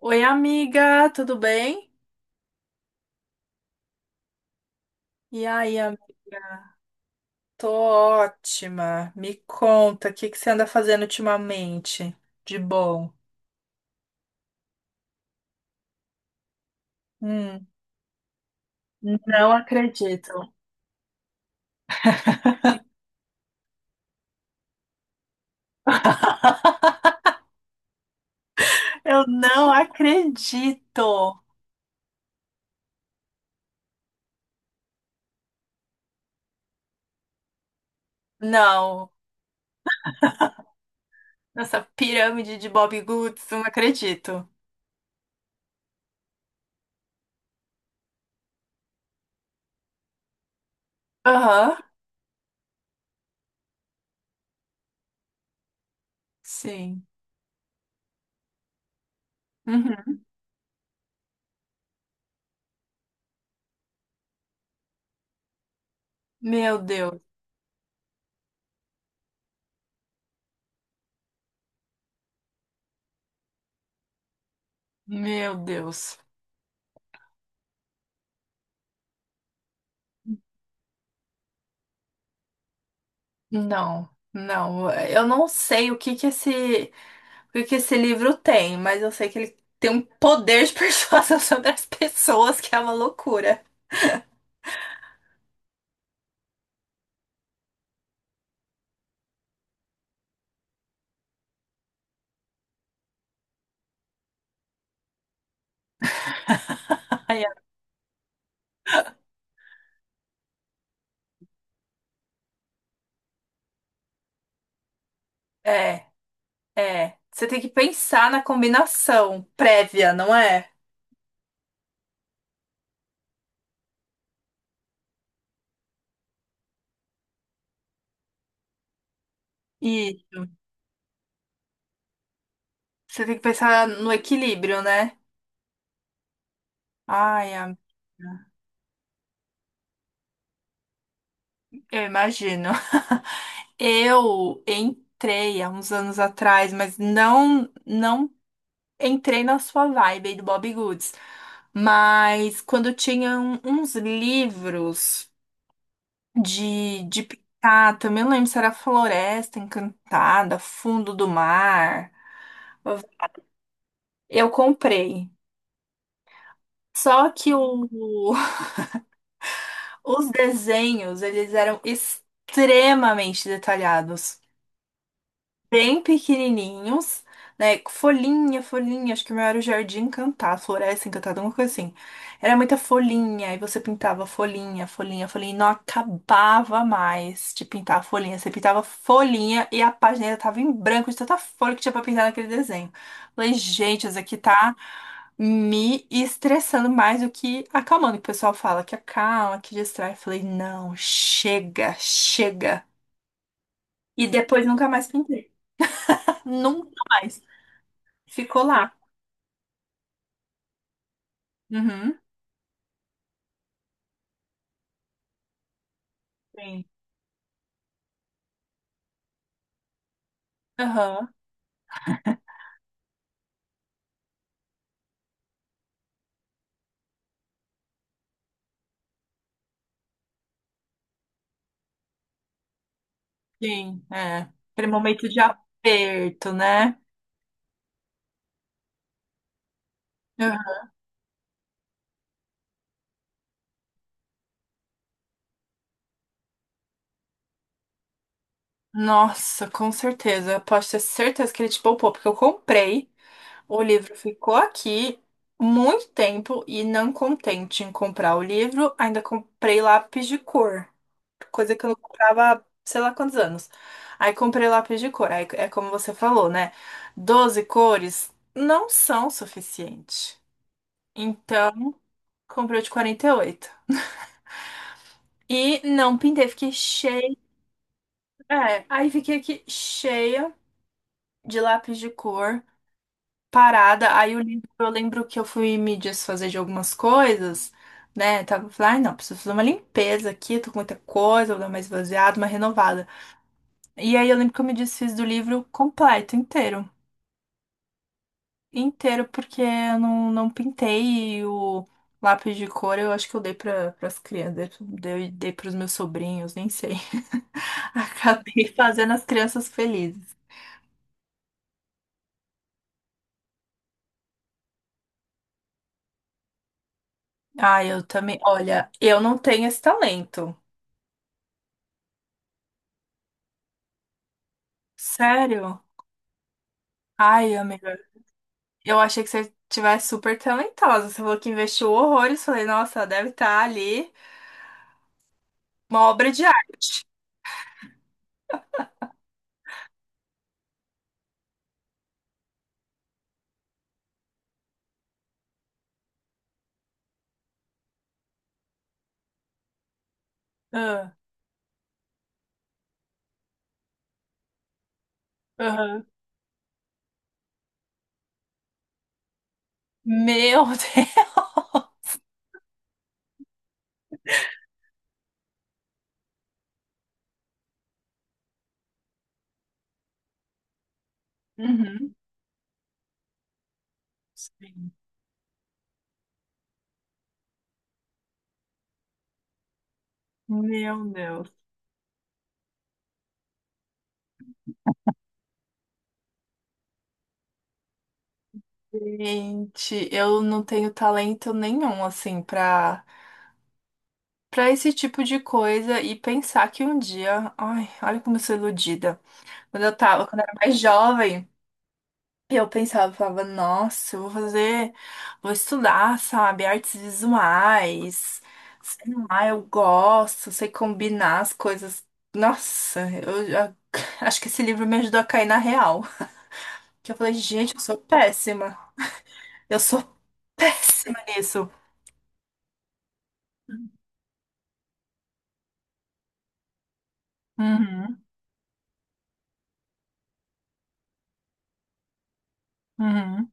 Oi, amiga, tudo bem? E aí, amiga? Tô ótima. Me conta, o que que você anda fazendo ultimamente? De bom. Hum, não acredito. Eu não acredito. Não, nessa pirâmide de Bob Goods, não acredito. Aham, sim. Uhum. Meu Deus, meu Deus. Não, não. Eu não sei o que que esse. Porque esse livro tem, mas eu sei que ele tem um poder de persuasão sobre as pessoas que é uma loucura. Ai, é, é. Você tem que pensar na combinação prévia, não é? E você tem que pensar no equilíbrio, né? Ai, am- eu imagino. Eu entrei há uns anos atrás, mas não entrei na sua vibe aí do Bobbie Goods. Mas quando tinham uns livros de pintar. Também não lembro se era Floresta Encantada, Fundo do Mar. Eu comprei. Só que o- os desenhos, eles eram extremamente detalhados, bem pequenininhos, né? Com folhinha, folhinha, acho que o meu era o Jardim Encantado, Floresta Encantada, alguma coisa assim. Era muita folhinha, e você pintava folhinha, folhinha, folhinha, e não acabava mais de pintar a folhinha. Você pintava folhinha e a página ainda tava em branco de tanta folha que tinha pra pintar naquele desenho. Falei, gente, isso aqui tá me estressando mais do que acalmando. O pessoal fala que acalma, que distrai. Eu falei, não, chega, chega. E depois nunca mais pintei. Nunca mais. Ficou lá. Uhum. Sim, aham, sim, é. Aquele momento de aperto, né? Aham. Nossa, com certeza. Eu posso ter certeza que ele te poupou, porque eu comprei, o livro ficou aqui muito tempo e, não contente em comprar o livro, ainda comprei lápis de cor, coisa que eu não comprava há sei lá quantos anos. Aí comprei lápis de cor, aí é como você falou, né? 12 cores não são suficientes. Então, comprei o de 48. E oito. E não pintei, fiquei cheia. É, aí fiquei aqui cheia de lápis de cor, parada. Aí o livro, eu lembro que eu fui me desfazer de algumas coisas, né? Tava falando, ai não, preciso fazer uma limpeza aqui, tô com muita coisa, vou dar uma esvaziada, uma renovada. E aí eu lembro que eu me desfiz do livro completo, inteiro. Inteiro, porque eu não, não pintei e o lápis de cor eu acho que eu dei para as crianças, dei pros meus sobrinhos, nem sei. Acabei fazendo as crianças felizes. Ai, eu também. Olha, eu não tenho esse talento. Sério? Ai, amiga, eu achei que você tivesse super talentosa. Você falou que investiu horrores. Falei, nossa, ela deve estar ali uma obra de arte. Ah, aham. Meu Deus! Uhum, sim. Meu Deus. Gente, eu não tenho talento nenhum, assim, pra, pra esse tipo de coisa, e pensar que um dia, ai, olha como eu sou iludida. Quando eu tava, quando eu era mais jovem, eu pensava, eu falava, nossa, eu vou fazer, vou estudar, sabe, artes visuais, sei lá, eu gosto, sei combinar as coisas. Nossa, acho que esse livro me ajudou a cair na real. Que eu falei, gente, eu sou péssima. Eu sou péssima nisso. Uhum, uhum.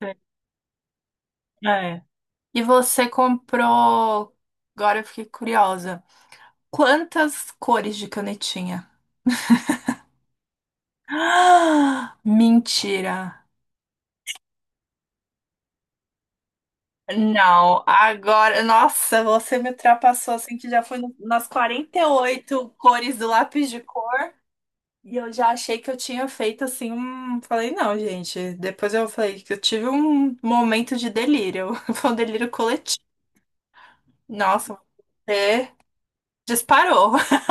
É. E você comprou. Agora eu fiquei curiosa. Quantas cores de canetinha? Ah, mentira! Não, agora. Nossa, você me ultrapassou assim que já foi nas 48 cores do lápis de cor. E eu já achei que eu tinha feito assim um. Falei, não, gente. Depois eu falei que eu tive um momento de delírio. Foi um delírio coletivo. Nossa, você disparou.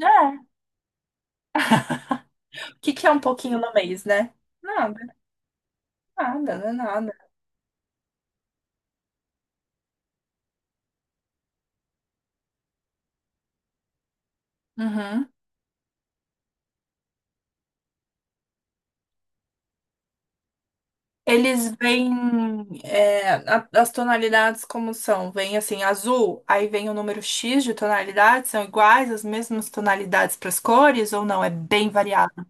É. O que que é um pouquinho no mês, né? Não. Nada, não é nada. Uhum. Eles vêm é, as tonalidades, como são? Vem assim, azul, aí vem o número X de tonalidades, são iguais, as mesmas tonalidades para as cores, ou não? É bem variado.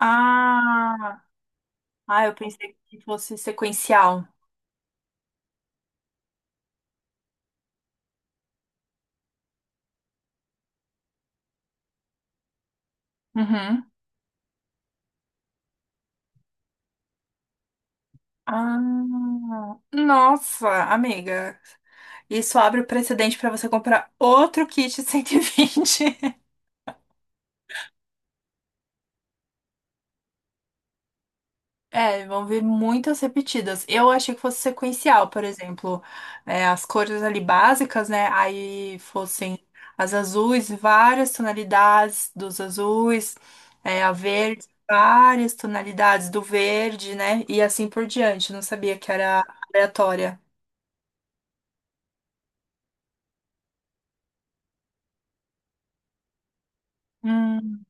Ah, ah, eu pensei que fosse sequencial. Uhum. Ah, nossa, amiga. Isso abre o precedente para você comprar outro kit 120. É, vão vir muitas repetidas. Eu achei que fosse sequencial, por exemplo, é, as cores ali básicas, né? Aí fossem as azuis, várias tonalidades dos azuis, é, a verde, várias tonalidades do verde, né? E assim por diante. Não sabia que era aleatória. Hum,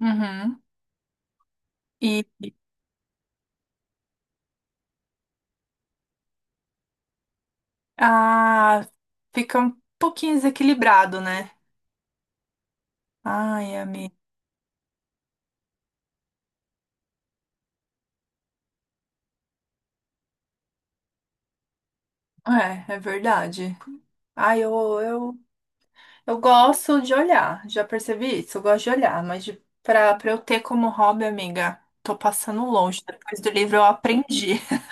uhum. E ah, fica um pouquinho desequilibrado, né? Ai, amigo. É, é verdade. Ai, eu gosto de olhar, já percebi isso, eu gosto de olhar, mas de, pra eu ter como hobby, amiga, tô passando longe. Depois do livro eu aprendi,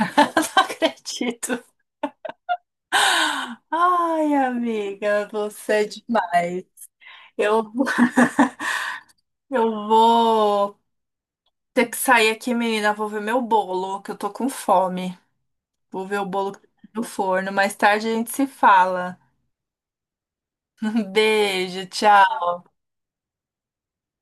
eu não acredito. Ai, amiga, você é demais. Eu, eu vou ter que sair aqui, menina, vou ver meu bolo, que eu tô com fome. Vou ver o bolo que tá no forno, mais tarde a gente se fala. Um beijo, tchau.